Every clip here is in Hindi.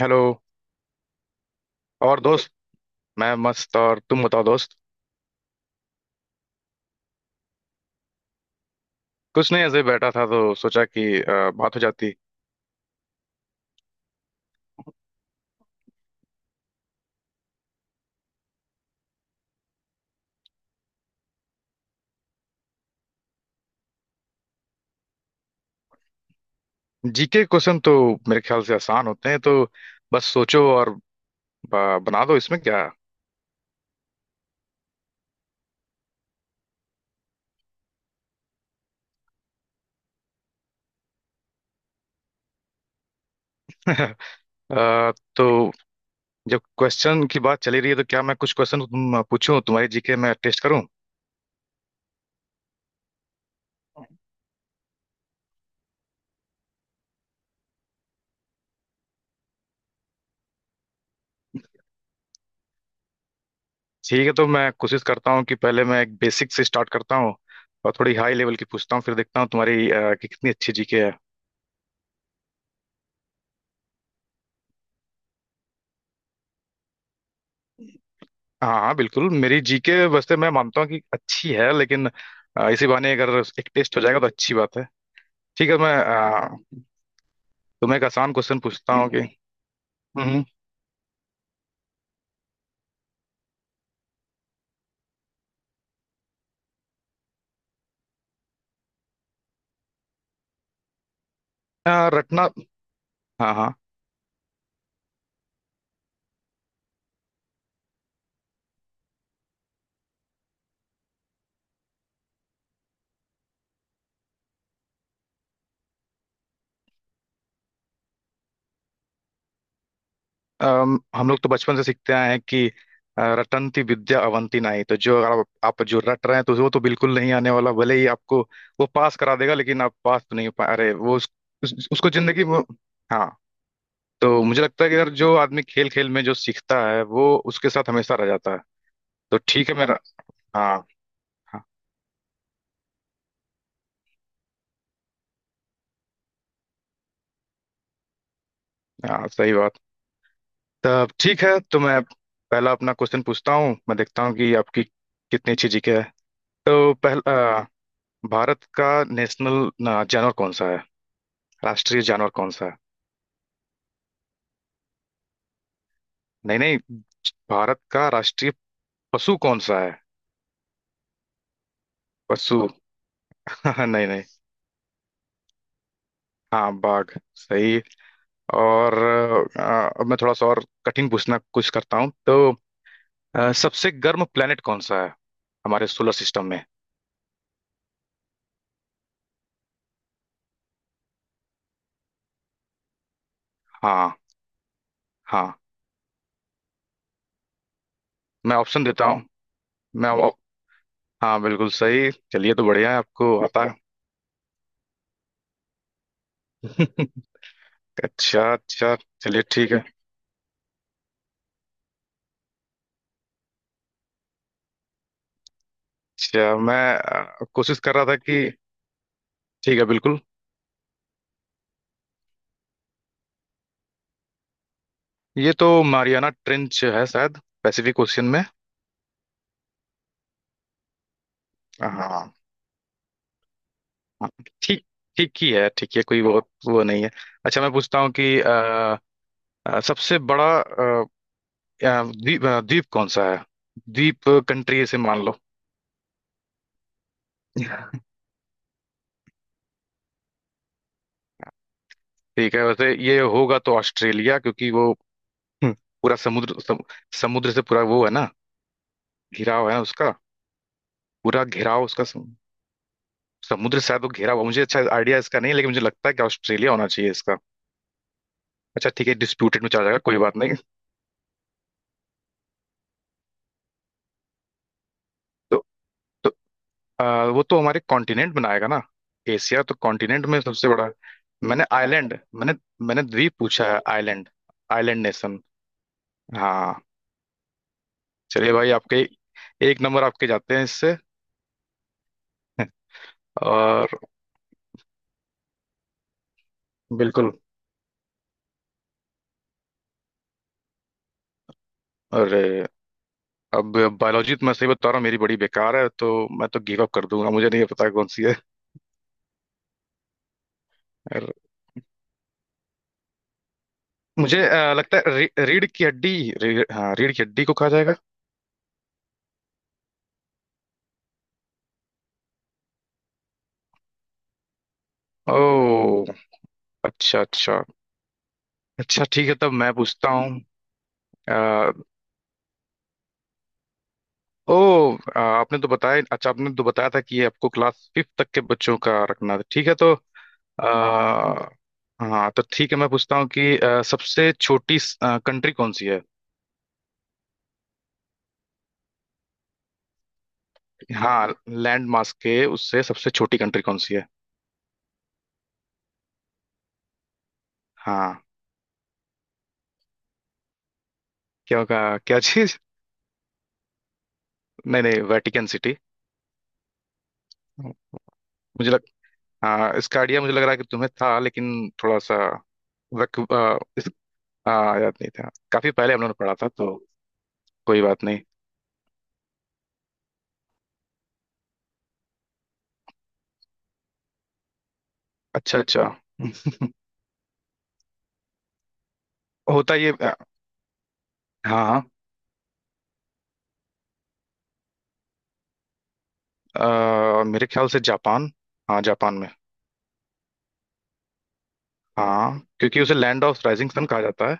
हेलो। और दोस्त, मैं मस्त। और तुम बताओ दोस्त? कुछ नहीं, ऐसे ही बैठा था तो सोचा कि बात हो जाती। जीके क्वेश्चन तो मेरे ख्याल से आसान होते हैं, तो बस सोचो और बना दो, इसमें क्या? तो जब क्वेश्चन की बात चली रही है, तो क्या मैं कुछ क्वेश्चन तुम पूछूं, तुम्हारी जीके में टेस्ट करूं? ठीक है, तो मैं कोशिश करता हूँ कि पहले मैं एक बेसिक से स्टार्ट करता हूँ और थोड़ी हाई लेवल की पूछता हूँ, फिर देखता हूँ तुम्हारी कि कितनी अच्छी जीके है। हाँ हाँ बिल्कुल, मेरी जीके वैसे मैं मानता हूँ कि अच्छी है, लेकिन इसी बहाने अगर एक टेस्ट हो जाएगा तो अच्छी बात है। ठीक है, तो मैं तुम्हें एक आसान क्वेश्चन पूछता हूँ कि हम्म, रटना। हाँ हाँ। हम लोग तो बचपन से सीखते आए हैं कि रटंती विद्या अवंती नहीं, तो जो अगर आप जो रट रहे हैं तो वो तो बिल्कुल नहीं आने वाला। भले ही आपको वो पास करा देगा, लेकिन आप पास तो नहीं हो पा। अरे वो उसको जिंदगी में। हाँ, तो मुझे लगता है कि अगर जो आदमी खेल खेल में जो सीखता है वो उसके साथ हमेशा रह जाता है। तो ठीक है, मेरा। हाँ हाँ हाँ, सही बात। तब ठीक है, तो मैं पहला अपना क्वेश्चन पूछता हूँ, मैं देखता हूँ कि आपकी कितनी अच्छी जीके है। तो पहला, भारत का नेशनल जानवर कौन सा है? राष्ट्रीय जानवर कौन सा है? नहीं नहीं, भारत का राष्ट्रीय पशु कौन सा है? पशु बाघ। नहीं नहीं, हाँ बाघ। सही। और अब मैं थोड़ा सा और कठिन पूछना कुछ करता हूँ तो सबसे गर्म प्लेनेट कौन सा है हमारे सोलर सिस्टम में? हाँ। हाँ, मैं ऑप्शन देता हूँ। मैं ऑप- हाँ बिल्कुल सही, चलिए तो बढ़िया है, आपको आता है। अच्छा अच्छा, चलिए ठीक है। अच्छा मैं कोशिश कर रहा था कि ठीक है, बिल्कुल। ये तो मारियाना ट्रेंच है शायद, पैसिफिक ओशियन में। हाँ। हाँ, ठीक। ठीक ही है, ठीक है, कोई बहुत वो नहीं है। अच्छा मैं पूछता हूँ कि सबसे बड़ा द्वीप कौन सा है? द्वीप कंट्री से मान लो। ठीक है, वैसे ये होगा तो ऑस्ट्रेलिया, क्योंकि वो हम्म, पूरा समुद्र समुद्र से पूरा वो है ना, घिराव है उसका। पूरा घिराव उसका समुद्र से शायद वो घिरा हुआ, मुझे अच्छा आइडिया इसका नहीं है, लेकिन मुझे लगता है कि ऑस्ट्रेलिया होना चाहिए इसका। अच्छा ठीक है, डिस्प्यूटेड में चला जाएगा, कोई बात नहीं। तो आ, वो तो हमारे कॉन्टिनेंट बनाएगा ना, एशिया तो कॉन्टिनेंट में सबसे बड़ा है। मैंने आइलैंड मैंने मैंने द्वीप पूछा है, आइलैंड, आइलैंड नेशन। हाँ, चलिए भाई, आपके एक नंबर आपके जाते हैं इससे। और बिल्कुल, अरे अब बायोलॉजी तो मैं सही बता रहा हूँ, मेरी बड़ी बेकार है, तो मैं तो गिव अप कर दूंगा, मुझे नहीं पता कौन सी है। और मुझे लगता है रीढ़ की हड्डी, हाँ रीढ़ की हड्डी को कहा जाएगा। ओ, अच्छा अच्छा। अच्छा ठीक है, तब मैं पूछता हूँ। ओ आ, आपने तो बताया अच्छा आपने तो बताया था कि ये आपको क्लास फिफ्थ तक के बच्चों का रखना था, ठीक है तो आ, हाँ तो ठीक है मैं पूछता हूँ कि सबसे छोटी कंट्री कौन सी है? हाँ, लैंड मास के उससे सबसे छोटी कंट्री कौन सी है? हाँ। क्या होगा? क्या चीज? नहीं नहीं, वेटिकन सिटी। मुझे लग हाँ, इसका आइडिया मुझे लग रहा है कि तुम्हें था, लेकिन थोड़ा सा वक, आ, इस, आ, याद नहीं था, काफी पहले हम लोगों ने पढ़ा था तो कोई बात नहीं। अच्छा अच्छा। होता ये, हाँ। मेरे ख्याल से जापान, हाँ जापान में। हाँ, क्योंकि उसे लैंड ऑफ राइजिंग सन कहा जाता है।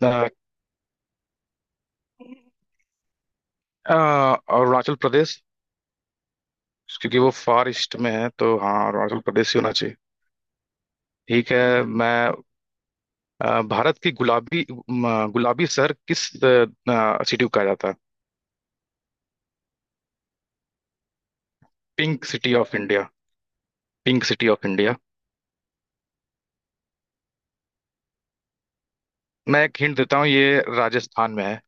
अ, अ, अरुणाचल प्रदेश, क्योंकि वो फार ईस्ट में है, तो हाँ अरुणाचल प्रदेश ही होना चाहिए। ठीक है, मैं भारत की गुलाबी शहर किस सिटी को कहा जाता है? Pink city of India, pink city of India. मैं एक हिंट देता हूँ, ये राजस्थान में है।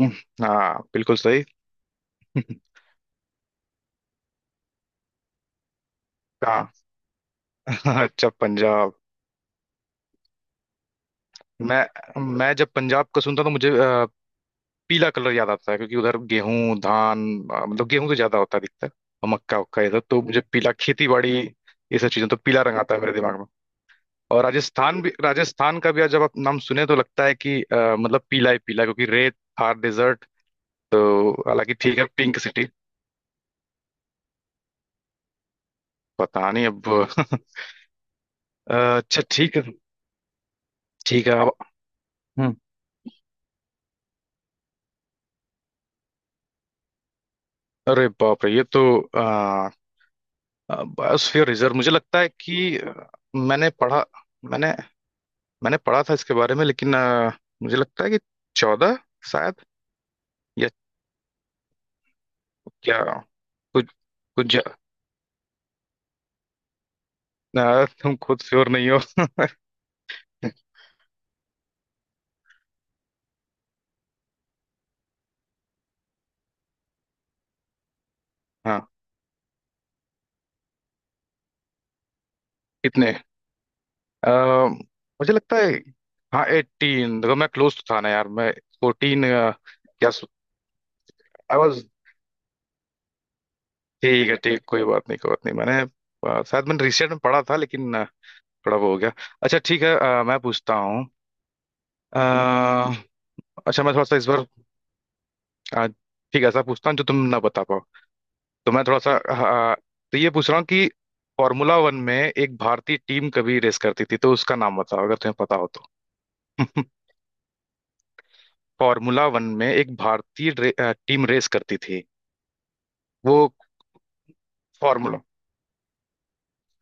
हम्म, हाँ बिल्कुल सही। हाँ। अच्छा पंजाब। मैं जब पंजाब का सुनता तो मुझे पीला कलर ज्यादा आता है, क्योंकि उधर गेहूं धान, मतलब गेहूं तो ज्यादा होता है अधिकतर, और मक्का उक्का इधर तो मुझे पीला खेती बाड़ी, ये सब चीजें तो पीला रंग आता है मेरे दिमाग में। और राजस्थान का भी आज जब आप नाम सुने तो लगता है कि मतलब पीला ही पीला, क्योंकि रेत, थार डेजर्ट, तो हालांकि ठीक है पिंक सिटी। पता नहीं अब। अच्छा ठीक है, ठीक है अब हम्म। अरे बाप रे, ये तो आ, बायोस्फीयर रिजर्व, मुझे लगता है कि मैंने पढ़ा मैंने मैंने पढ़ा था इसके बारे में, लेकिन मुझे लगता है कि चौदह शायद, या क्या, कुछ कुछ ज- अ, तुम खुद श्योर नहीं हो? हाँ, इतने अ, मुझे लगता है, हाँ एटीन। देखो मैं क्लोज तो था ना यार मैं, फोर्टीन क्या, आई वाज। ठीक है, ठीक, कोई बात नहीं, कोई बात नहीं, शायद मैंने रिसेंट में पढ़ा था, लेकिन थोड़ा वो हो गया। अच्छा ठीक है, मैं पूछता हूँ अ, अच्छा मैं थोड़ा सा इस बार अ, ठीक है ऐसा पूछता हूँ जो तुम ना बता पाओ। तो मैं थोड़ा सा हाँ, हाँ, तो ये पूछ रहा हूँ कि फॉर्मूला वन में एक भारतीय टीम कभी रेस करती थी, तो उसका नाम बताओ अगर तुम्हें पता हो तो। फॉर्मूला वन में एक भारतीय टीम रेस करती थी, वो फॉर्मूला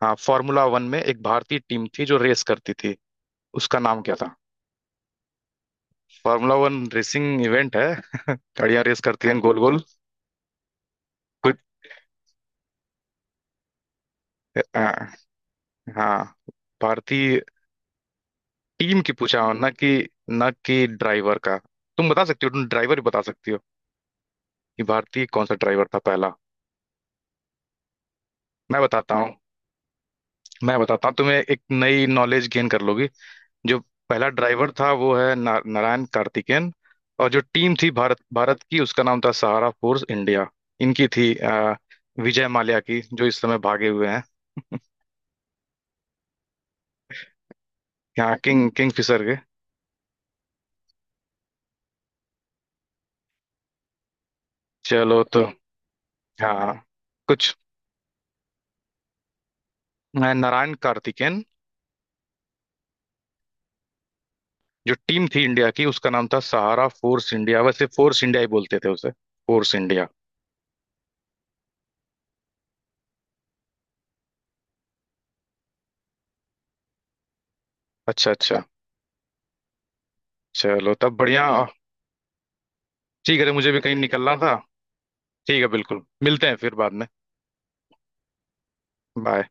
हाँ फॉर्मूला वन में एक भारतीय टीम थी जो रेस करती थी, उसका नाम क्या था? फॉर्मूला वन रेसिंग इवेंट है, गाड़ियां रेस करती हैं गोल गोल। कुछ, हाँ हाँ, भारतीय टीम की पूछा हो, ना कि ड्राइवर का, तुम बता सकती हो, तुम ड्राइवर भी बता सकती हो कि भारतीय कौन सा ड्राइवर था पहला। मैं बताता भाई हूँ, मैं बताता हूँ, तुम्हें एक नई नॉलेज गेन कर लोगी। जो पहला ड्राइवर था वो है ना, नारायण कार्तिकेयन। और जो टीम थी भारत भारत की, उसका नाम था सहारा फोर्स इंडिया, इनकी थी विजय माल्या की, जो इस समय भागे हुए हैं। यहाँ किंगफिशर के। चलो तो हाँ, कुछ नारायण कार्तिकेयन, जो टीम थी इंडिया की उसका नाम था सहारा फोर्स इंडिया, वैसे फोर्स इंडिया ही बोलते थे उसे, फोर्स इंडिया। अच्छा अच्छा, चलो तब बढ़िया। ठीक है, अरे मुझे भी कहीं निकलना था। ठीक है बिल्कुल, मिलते हैं फिर बाद में। बाय।